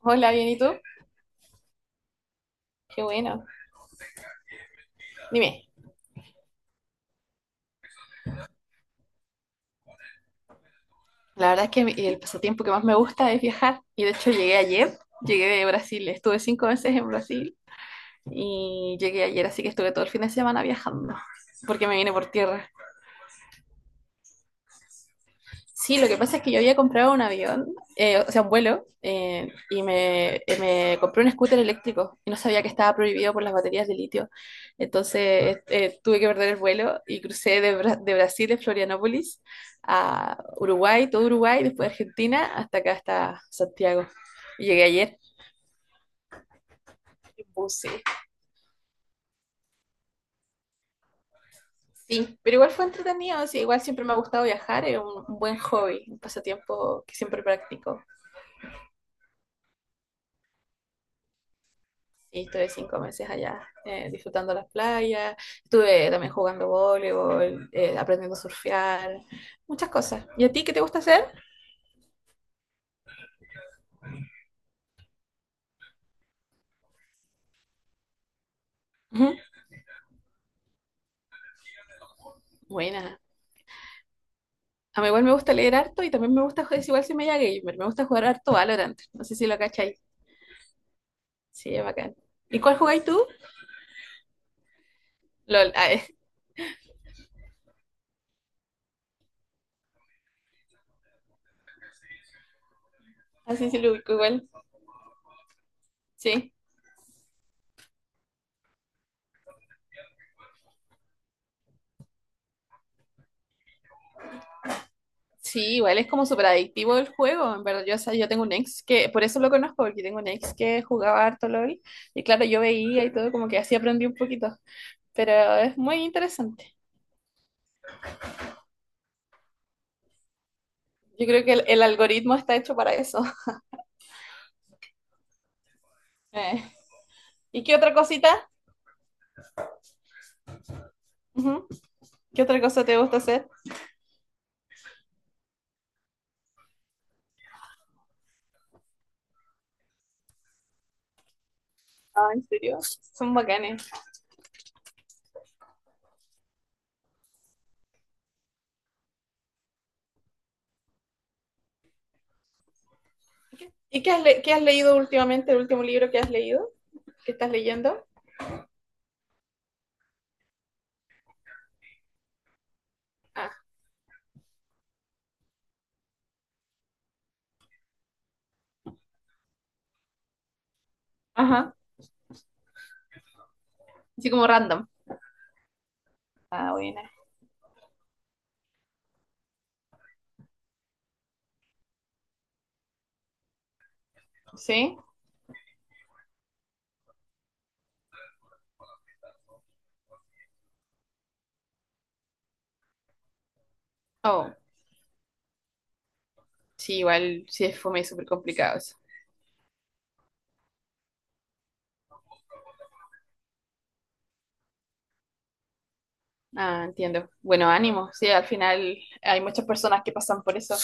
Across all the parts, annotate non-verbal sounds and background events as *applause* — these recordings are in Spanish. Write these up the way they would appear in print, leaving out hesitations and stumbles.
Hola, bien, ¿y tú? Qué bueno. Dime, la verdad es que el pasatiempo que más me gusta es viajar. Y de hecho llegué ayer, llegué de Brasil, estuve cinco veces en Brasil y llegué ayer, así que estuve todo el fin de semana viajando, porque me vine por tierra. Sí, lo que pasa es que yo había comprado un avión, o sea, un vuelo, y me compré un scooter eléctrico y no sabía que estaba prohibido por las baterías de litio. Entonces tuve que perder el vuelo y crucé de Brasil, de Florianópolis, a Uruguay, todo Uruguay, después Argentina, hasta acá, hasta Santiago. Y llegué ayer en bus, sí. Sí, pero igual fue entretenido, sí, igual siempre me ha gustado viajar, es un buen hobby, un pasatiempo que siempre practico. Sí, estuve 5 meses allá, disfrutando las playas, estuve también jugando voleibol, aprendiendo a surfear, muchas cosas. ¿Y a ti qué te gusta hacer? Ujú. Buena. A mí igual me gusta leer harto y también me gusta, es igual si me llega gamer, me gusta jugar harto Valorant. No sé si lo cacháis. Sí, es bacán. ¿Y cuál jugáis tú? LOL. Ah. *laughs* Ah, sí, sí, lo ubico igual. Sí. Sí, igual es como súper adictivo el juego. En verdad, yo, o sea, yo tengo un ex que, por eso lo conozco, porque tengo un ex que jugaba harto LOL. Y claro, yo veía y todo, como que así aprendí un poquito, pero es muy interesante. Yo creo que el algoritmo está hecho para eso. *laughs* Eh, ¿Y qué otra cosita? Ujú. ¿Qué otra cosa te gusta hacer? Ah, ¿en serio? Son bacanes. ¿Y qué has leído últimamente, el último libro que has leído? ¿Qué estás leyendo? Ah, ajá. Así como random. Ah, buena. ¿Sí? Oh, sí, igual sí es fome y súper complicado eso. Ah, entiendo. Bueno, ánimo. Sí, al final hay muchas personas que pasan por eso.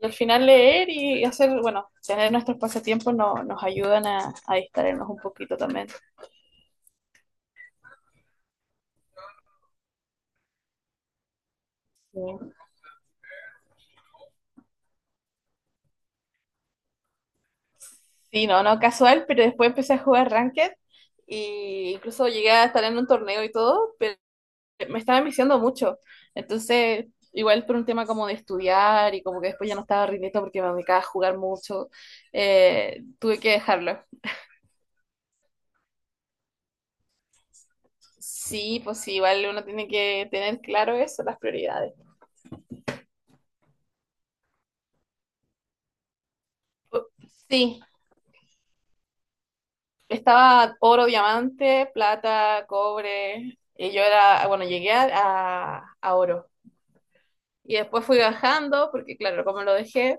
Y al final leer y hacer, bueno, tener nuestros pasatiempos no, nos ayudan a distraernos un poquito también. Sí. Sí, no, no casual, pero después empecé a jugar Ranked y incluso llegué a estar en un torneo y todo, pero me estaba enviciando mucho. Entonces, igual por un tema como de estudiar y como que después ya no estaba rindiendo porque me dedicaba a jugar mucho, tuve que dejarlo. Sí, pues sí, igual uno tiene que tener claro eso, las prioridades. Sí, estaba oro, diamante, plata, cobre, y yo era, bueno, llegué a, a oro. Y después fui bajando, porque claro, como lo dejé,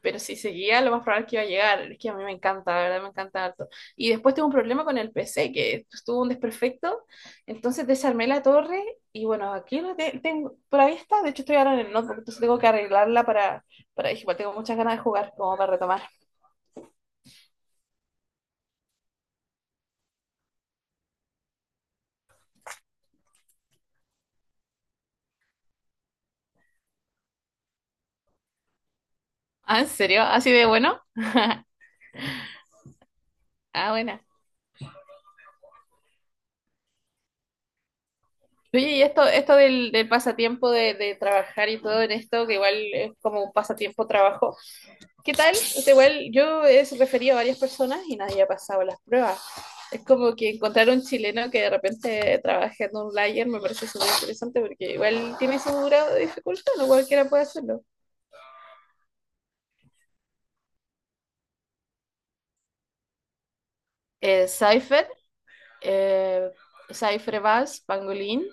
pero si seguía, lo más probable es que iba a llegar. Es que a mí me encanta, la verdad, me encanta harto. Y después tuve un problema con el PC, que estuvo un desperfecto, entonces desarmé la torre, y bueno, aquí lo tengo, por ahí está, de hecho estoy ahora en el notebook, entonces tengo que arreglarla para, igual tengo muchas ganas de jugar, como para retomar. Ah, ¿en serio? ¿Así de bueno? Ah, buena. Oye, y esto, esto del pasatiempo de trabajar y todo en esto, que igual es como un pasatiempo trabajo, ¿qué tal? O sea, igual yo he referido a varias personas y nadie ha pasado las pruebas. Es como que encontrar un chileno que de repente trabaje en un layer me parece súper interesante porque igual tiene su grado de dificultad, no cualquiera puede hacerlo. Cypher, eh, Cypher Bass, Pangolin,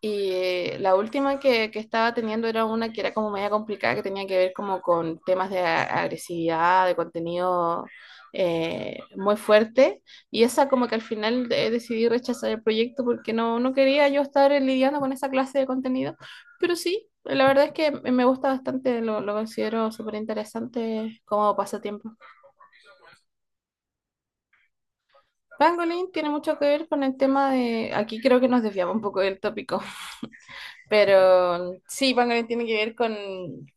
y la última que estaba teniendo era una que era como media complicada, que tenía que ver como con temas de agresividad, de contenido muy fuerte. Y esa como que al final decidí rechazar el proyecto porque no, no quería yo estar lidiando con esa clase de contenido. Pero sí, la verdad es que me gusta bastante, lo considero súper interesante como pasatiempo. Pangolin tiene mucho que ver con el tema de, aquí creo que nos desviamos un poco del tópico, pero sí, Pangolin tiene que ver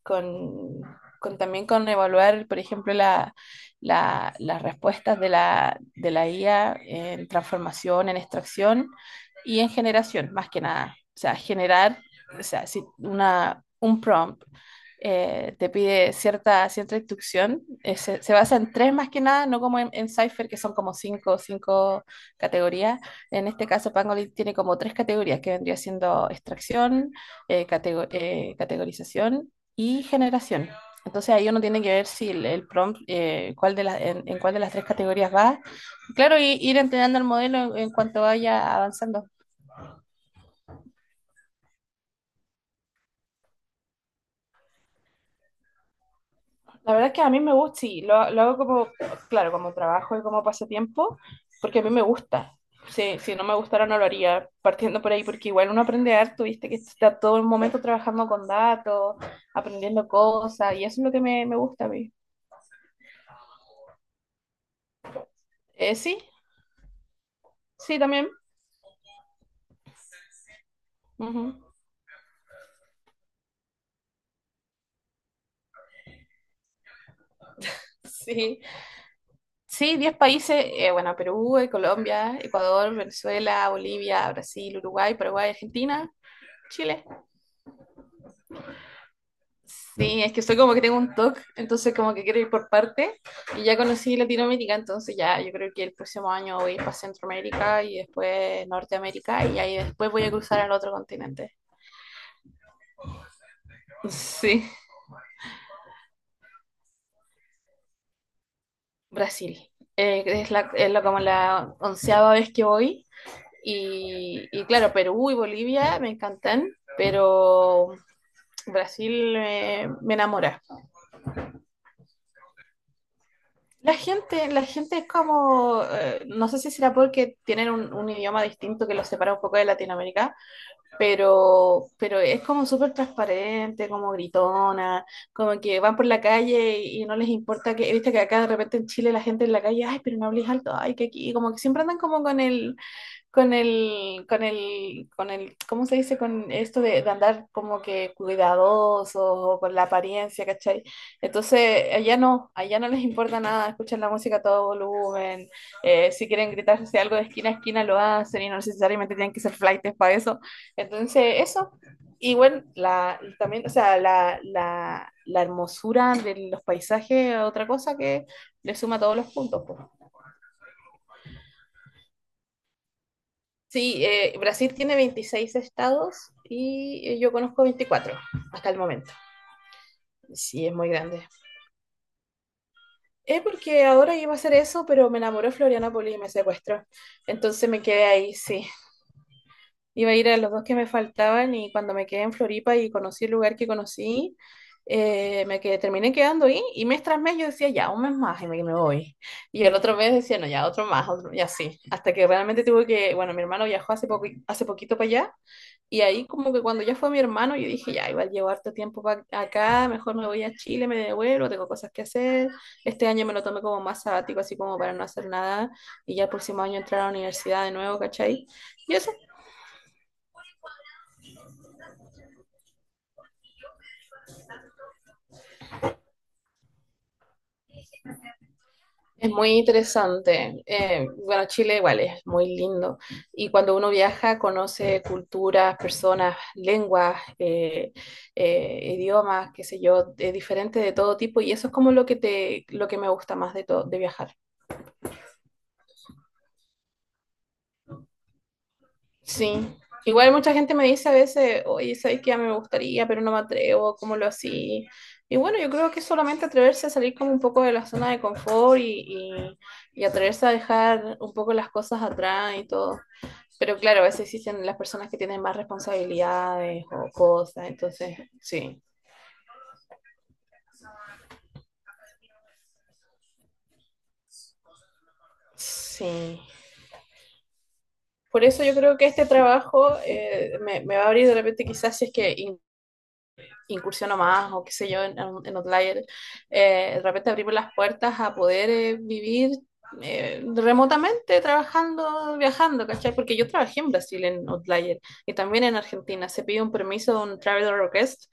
con, con también con evaluar, por ejemplo, la, las respuestas de la, IA en transformación, en extracción y en generación, más que nada. O sea, generar, o sea, si una, un prompt te pide cierta, instrucción, se basa en tres más que nada, no como en Cypher, que son como cinco categorías en este caso, Pangolin tiene como tres categorías que vendría siendo extracción, categorización y generación. Entonces ahí uno tiene que ver si el prompt, cuál de las, en cuál de las tres categorías va. Claro, y ir entrenando el modelo en cuanto vaya avanzando. La verdad es que a mí me gusta, sí, lo hago como, claro, como trabajo y como pasatiempo, porque a mí me gusta. Si, si no me gustara no lo haría, partiendo por ahí, porque igual uno aprende harto, viste, que está todo el momento trabajando con datos, aprendiendo cosas, y eso es lo que me gusta a mí. Sí, sí, también. Ujú. Sí, sí, 10 países, bueno, Perú, Colombia, Ecuador, Venezuela, Bolivia, Brasil, Uruguay, Paraguay, Argentina, Chile. Sí, es que soy como que tengo un TOC, entonces como que quiero ir por parte. Y ya conocí Latinoamérica, entonces ya yo creo que el próximo año voy para Centroamérica y después Norteamérica y ahí después voy a cruzar al otro continente. Sí, Brasil. Como la onceava vez que voy. Y claro, Perú y Bolivia me encantan, pero Brasil me enamora. La gente es como, no sé si será porque tienen un, idioma distinto que los separa un poco de Latinoamérica, pero es como súper transparente, como gritona, como que van por la calle y no les importa que, viste que acá de repente en Chile la gente en la calle, ay, pero no hables alto, ay, que aquí, como que siempre andan como con el, ¿cómo se dice? Con esto de andar como que cuidadosos o con la apariencia, ¿cachai? Entonces, allá no les importa nada, escuchan la música a todo volumen, si quieren gritarse algo de esquina a esquina lo hacen y no necesariamente tienen que ser flaites para eso. Entonces, eso. Y bueno, y también, o sea, la hermosura de los paisajes, es otra cosa que le suma todos los puntos, pues. Sí, Brasil tiene 26 estados y yo conozco 24 hasta el momento. Sí, es muy grande. Es porque ahora iba a hacer eso, pero me enamoró Florianópolis y me secuestró. Entonces me quedé ahí, sí. Iba a ir a los dos que me faltaban y cuando me quedé en Floripa y conocí el lugar que conocí, me quedé, terminé quedando ahí y mes tras mes yo decía, ya, un mes más y me voy. Y el otro mes decía, no, ya, otro más, otro, y así. Hasta que realmente tuve que, bueno, mi hermano viajó hace poquito para allá y ahí como que cuando ya fue mi hermano, yo dije, ya, igual llevo harto tiempo acá, mejor me voy a Chile, me devuelvo, tengo cosas que hacer. Este año me lo tomé como más sabático, así como para no hacer nada, y ya el próximo año entrar a la universidad de nuevo, ¿cachai? Y eso es muy interesante. Bueno, Chile igual es muy lindo. Y cuando uno viaja, conoce culturas, personas, lenguas, idiomas, qué sé yo, diferentes de todo tipo, y eso es como lo que te, lo que me gusta más de todo, de viajar. Sí. Igual mucha gente me dice a veces, oye, ¿sabes qué? Ya me gustaría, pero no me atrevo, ¿cómo lo así? Y bueno, yo creo que es solamente atreverse a salir como un poco de la zona de confort y atreverse a dejar un poco las cosas atrás y todo. Pero claro, a veces existen las personas que tienen más responsabilidades o cosas, entonces, sí, sí. Por eso yo creo que este trabajo me va a abrir de repente quizás si es que incursiono más o qué sé yo en, Outlier, de repente abrimos las puertas a poder vivir remotamente trabajando, viajando, ¿cachai? Porque yo trabajé en Brasil en Outlier y también en Argentina. Se pide un permiso, un traveler request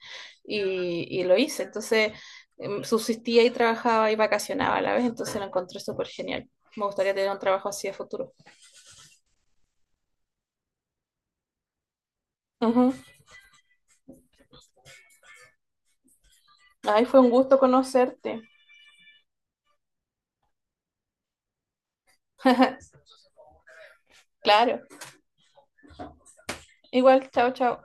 y lo hice. Entonces subsistía y trabajaba y vacacionaba a la vez, entonces lo encontré súper genial. Me gustaría tener un trabajo así a futuro. Ujú. Ay, fue un gusto conocerte. *laughs* Claro. Igual, chao, chao.